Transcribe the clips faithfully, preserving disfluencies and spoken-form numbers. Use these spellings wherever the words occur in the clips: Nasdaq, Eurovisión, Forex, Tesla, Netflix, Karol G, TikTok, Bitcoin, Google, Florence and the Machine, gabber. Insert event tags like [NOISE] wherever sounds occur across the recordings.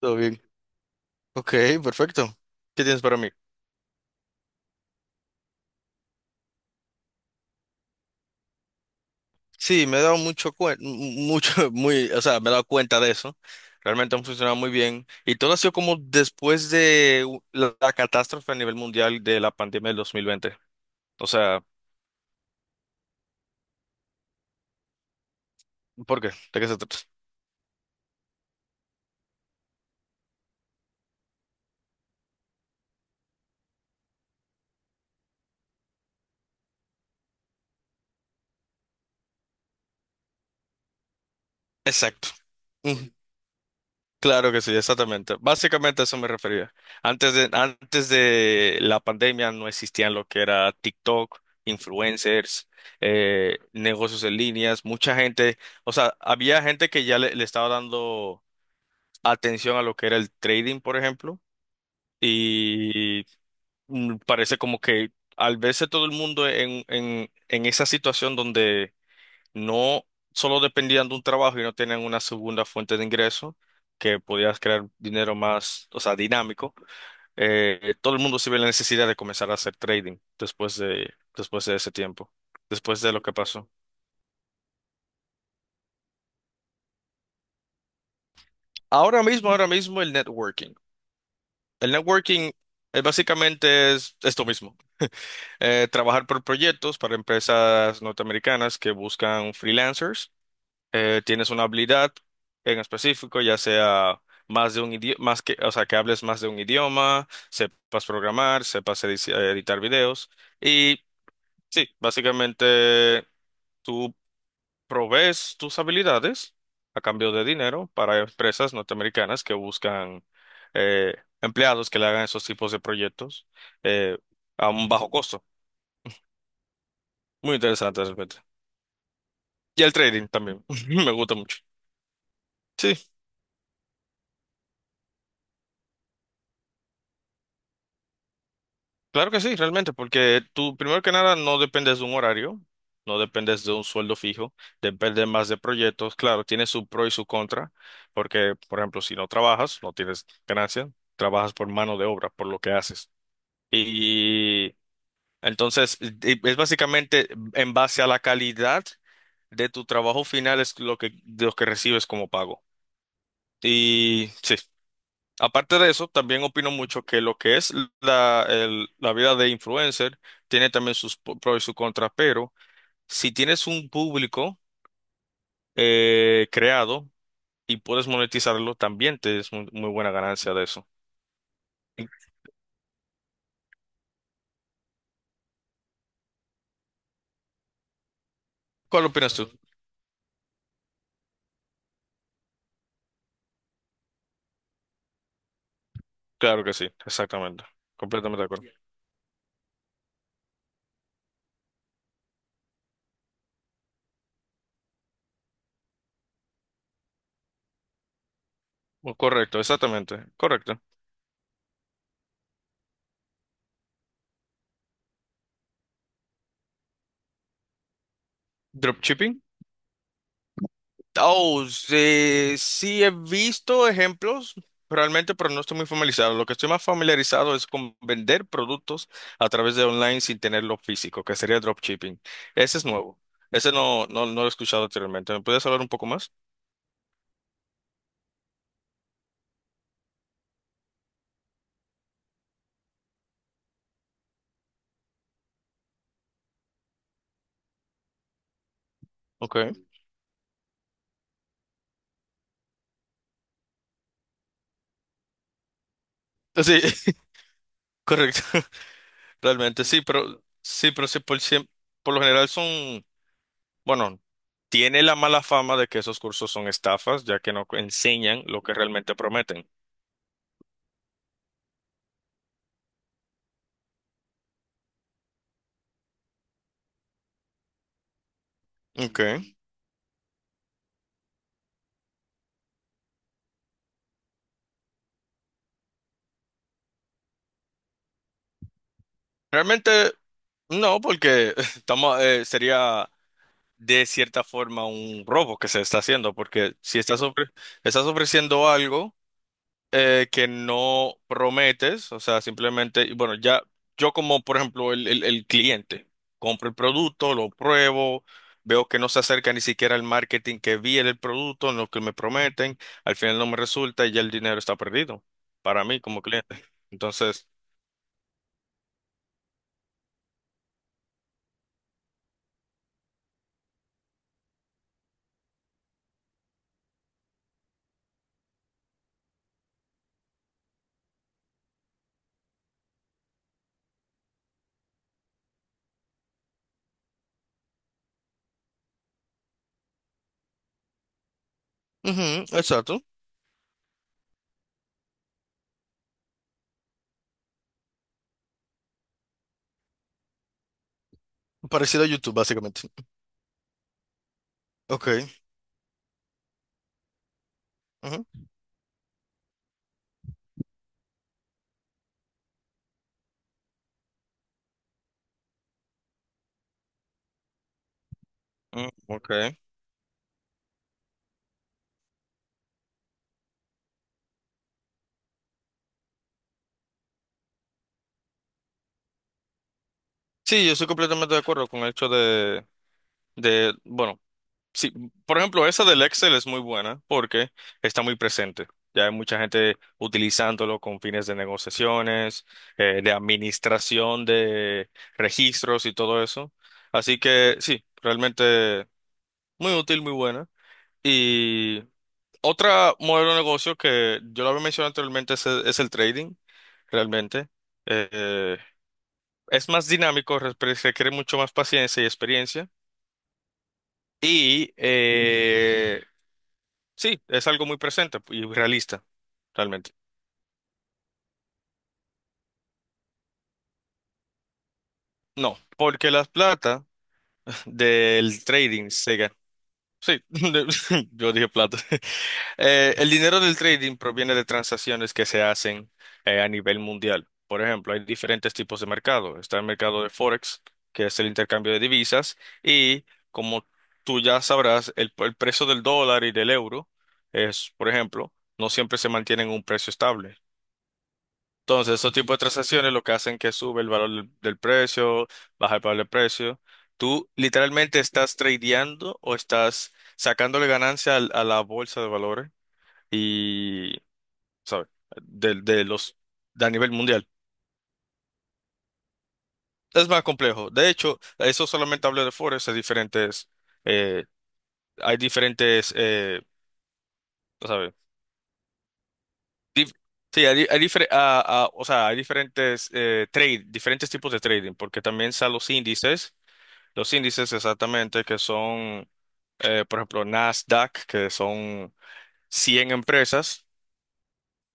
Todo bien. Ok, perfecto. ¿Qué tienes para mí? Sí, me he dado mucho cuen- mu- mucho, [LAUGHS] muy, o sea, me he dado cuenta de eso. Realmente han funcionado muy bien. Y todo ha sido como después de u- la, la catástrofe a nivel mundial de la pandemia del dos mil veinte. O sea, ¿por qué? ¿De qué se trata? Exacto. Ujú. Claro que sí, exactamente. Básicamente a eso me refería. Antes de, antes de la pandemia no existían lo que era TikTok, influencers, eh, negocios en líneas, mucha gente, o sea, había gente que ya le, le estaba dando atención a lo que era el trading, por ejemplo, y mm, parece como que al verse todo el mundo en, en, en esa situación donde no solo dependían de un trabajo y no tenían una segunda fuente de ingreso que podías crear dinero más, o sea, dinámico, eh, todo el mundo se ve la necesidad de comenzar a hacer trading después de, después de ese tiempo, después de lo que pasó. Ahora mismo, ahora mismo el networking. El networking eh, básicamente es esto mismo, eh, trabajar por proyectos para empresas norteamericanas que buscan freelancers eh, tienes una habilidad en específico, ya sea más de un idioma, más que, o sea, que hables más de un idioma, sepas programar, sepas edici- editar videos. Y sí, básicamente tú provees tus habilidades a cambio de dinero para empresas norteamericanas que buscan eh, empleados que le hagan esos tipos de proyectos eh, a un bajo costo. Muy interesante realmente. Y el trading también, [LAUGHS] me gusta mucho. Sí. Claro que sí, realmente, porque tú, primero que nada, no dependes de un horario, no dependes de un sueldo fijo, depende más de proyectos. Claro, tiene su pro y su contra, porque, por ejemplo, si no trabajas, no tienes ganancia, trabajas por mano de obra, por lo que haces. Y entonces, y- es básicamente en base a la calidad de tu trabajo final es lo que, de lo que recibes como pago. Y sí. Aparte de eso, también opino mucho que lo que es la, el- la vida de influencer tiene también sus po- pros y sus contras, pero si tienes un público eh, creado y puedes monetizarlo, también te es muy, muy buena ganancia de eso. ¿Cuál opinas tú? Claro que sí, exactamente. Completamente de acuerdo. Correcto, exactamente. Correcto. Dropshipping. Oh, sí, sí he visto ejemplos realmente, pero no estoy muy familiarizado. Lo que estoy más familiarizado es con vender productos a través de online sin tenerlo físico, que sería dropshipping. Ese es nuevo. Ese no, no, no lo he escuchado anteriormente. ¿Me puedes hablar un poco más? Okay. Sí, [LAUGHS] correcto. [LAUGHS] Realmente sí, pero sí, pero sí, por, siem- por lo general son, bueno, tiene la mala fama de que esos cursos son estafas, ya que no enseñan lo que realmente prometen. Okay. Realmente. No, porque [LAUGHS] estamos, eh, sería de cierta forma un robo que se está haciendo, porque si estás, ofre- estás ofreciendo algo eh, que no prometes, o sea, simplemente, y bueno, ya yo como, por ejemplo, el, el, el cliente, compro el producto, lo pruebo, veo que no se acerca ni siquiera al marketing que vi en el producto, en lo que me prometen, al final no me resulta y ya el dinero está perdido para mí como cliente. Entonces, Ujú, exacto, parecido a YouTube, básicamente. Ok. Mm, Okay. Sí, yo soy completamente de acuerdo con el hecho de, de, bueno, sí, por ejemplo, esa del Excel es muy buena porque está muy presente. Ya hay mucha gente utilizándolo con fines de negociaciones, eh, de administración de registros y todo eso. Así que sí, realmente muy útil, muy buena. Y otra modelo de negocio que yo lo había mencionado anteriormente es el, es el trading, realmente. Eh, es más dinámico, re- se requiere mucho más paciencia y experiencia. Y eh, sí, es algo muy presente y realista, realmente. No, porque la plata [LAUGHS] del trading se gana. Sí, [LAUGHS] yo dije plata. Eh, el dinero del trading proviene de transacciones que se hacen eh, a nivel mundial. Por ejemplo, hay diferentes tipos de mercado. Está el mercado de Forex, que es el intercambio de divisas, y como tú ya sabrás, el, el precio del dólar y del euro es, por ejemplo, no siempre se mantienen un precio estable. Entonces, esos tipos de transacciones lo que hacen que sube el valor del del precio, baja el valor del precio. Tú literalmente estás tradeando o estás sacándole ganancia al- a la bolsa de valores y, ¿sabes? De, de los, de a nivel mundial. Es más complejo. De hecho, eso solamente hablo de Forex, hay diferentes, eh, hay diferentes, eh, ¿sabes? Dif- sí, hay, di- hay difer- ah, ah, o sea, hay diferentes eh, trade, diferentes tipos de trading, porque también están los índices, los índices exactamente que son, eh, por ejemplo, Nasdaq, que son cien empresas.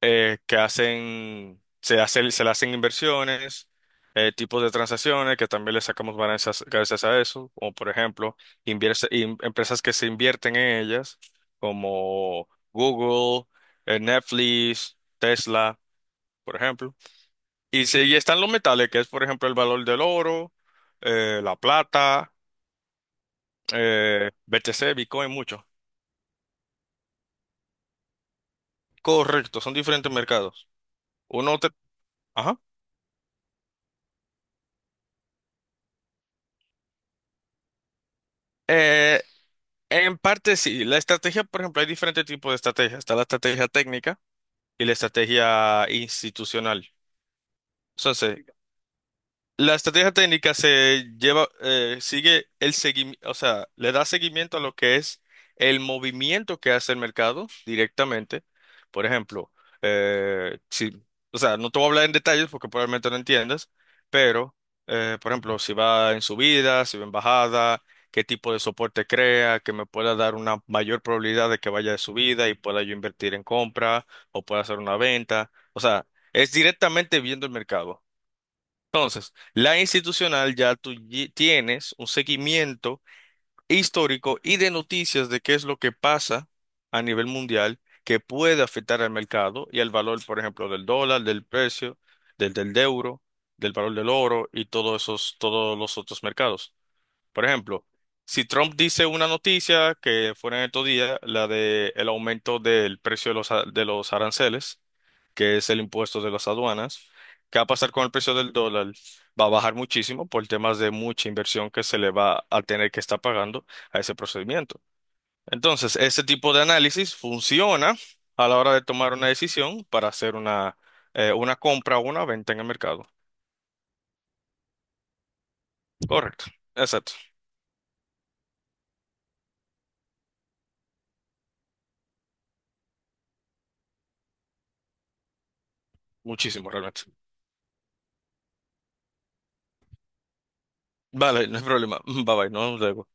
eh, que hacen, se hace, se le hacen inversiones, eh, tipos de transacciones que también le sacamos ganancias gracias a eso, como por ejemplo, invierte- in- empresas que se invierten en ellas, como Google, eh, Netflix, Tesla, por ejemplo. Y, sí, y están los metales, que es por ejemplo el valor del oro, eh, la plata, eh, B T C, Bitcoin, mucho. Correcto, son diferentes mercados. Uno te... Ajá. En parte sí, la estrategia, por ejemplo, hay diferentes tipos de estrategias. Está la estrategia técnica y la estrategia institucional. Entonces, la estrategia técnica se lleva, eh, sigue el seguimiento, o sea, le da seguimiento a lo que es el movimiento que hace el mercado directamente. Por ejemplo, eh, si, o sea, no te voy a hablar en detalles porque probablemente no entiendas, pero, eh, por ejemplo, si va en subida, si va en bajada, qué tipo de soporte crea, que me pueda dar una mayor probabilidad de que vaya de subida y pueda yo invertir en compra o pueda hacer una venta. O sea, es directamente viendo el mercado. La institucional ya tú ye- tienes un seguimiento histórico y de noticias de qué es lo que pasa a nivel mundial que puede afectar al mercado y al valor, por ejemplo, del dólar, del precio, del, del euro, del valor del oro y todos esos, todos los otros mercados. Por ejemplo, si Trump dice una noticia que fue en estos días, la de el aumento del precio de los, a- de los aranceles, que es el impuesto de las aduanas, ¿qué va a pasar con el precio del dólar? Va a bajar muchísimo por temas de mucha inversión que se le va a tener que estar pagando a ese procedimiento. Entonces, este tipo de análisis funciona a la hora de tomar una decisión para hacer una, eh, una compra o una venta en el mercado. Correcto. Exacto. Muchísimo realmente. Vale, no hay problema. [LAUGHS] Bye bye, nos vemos luego.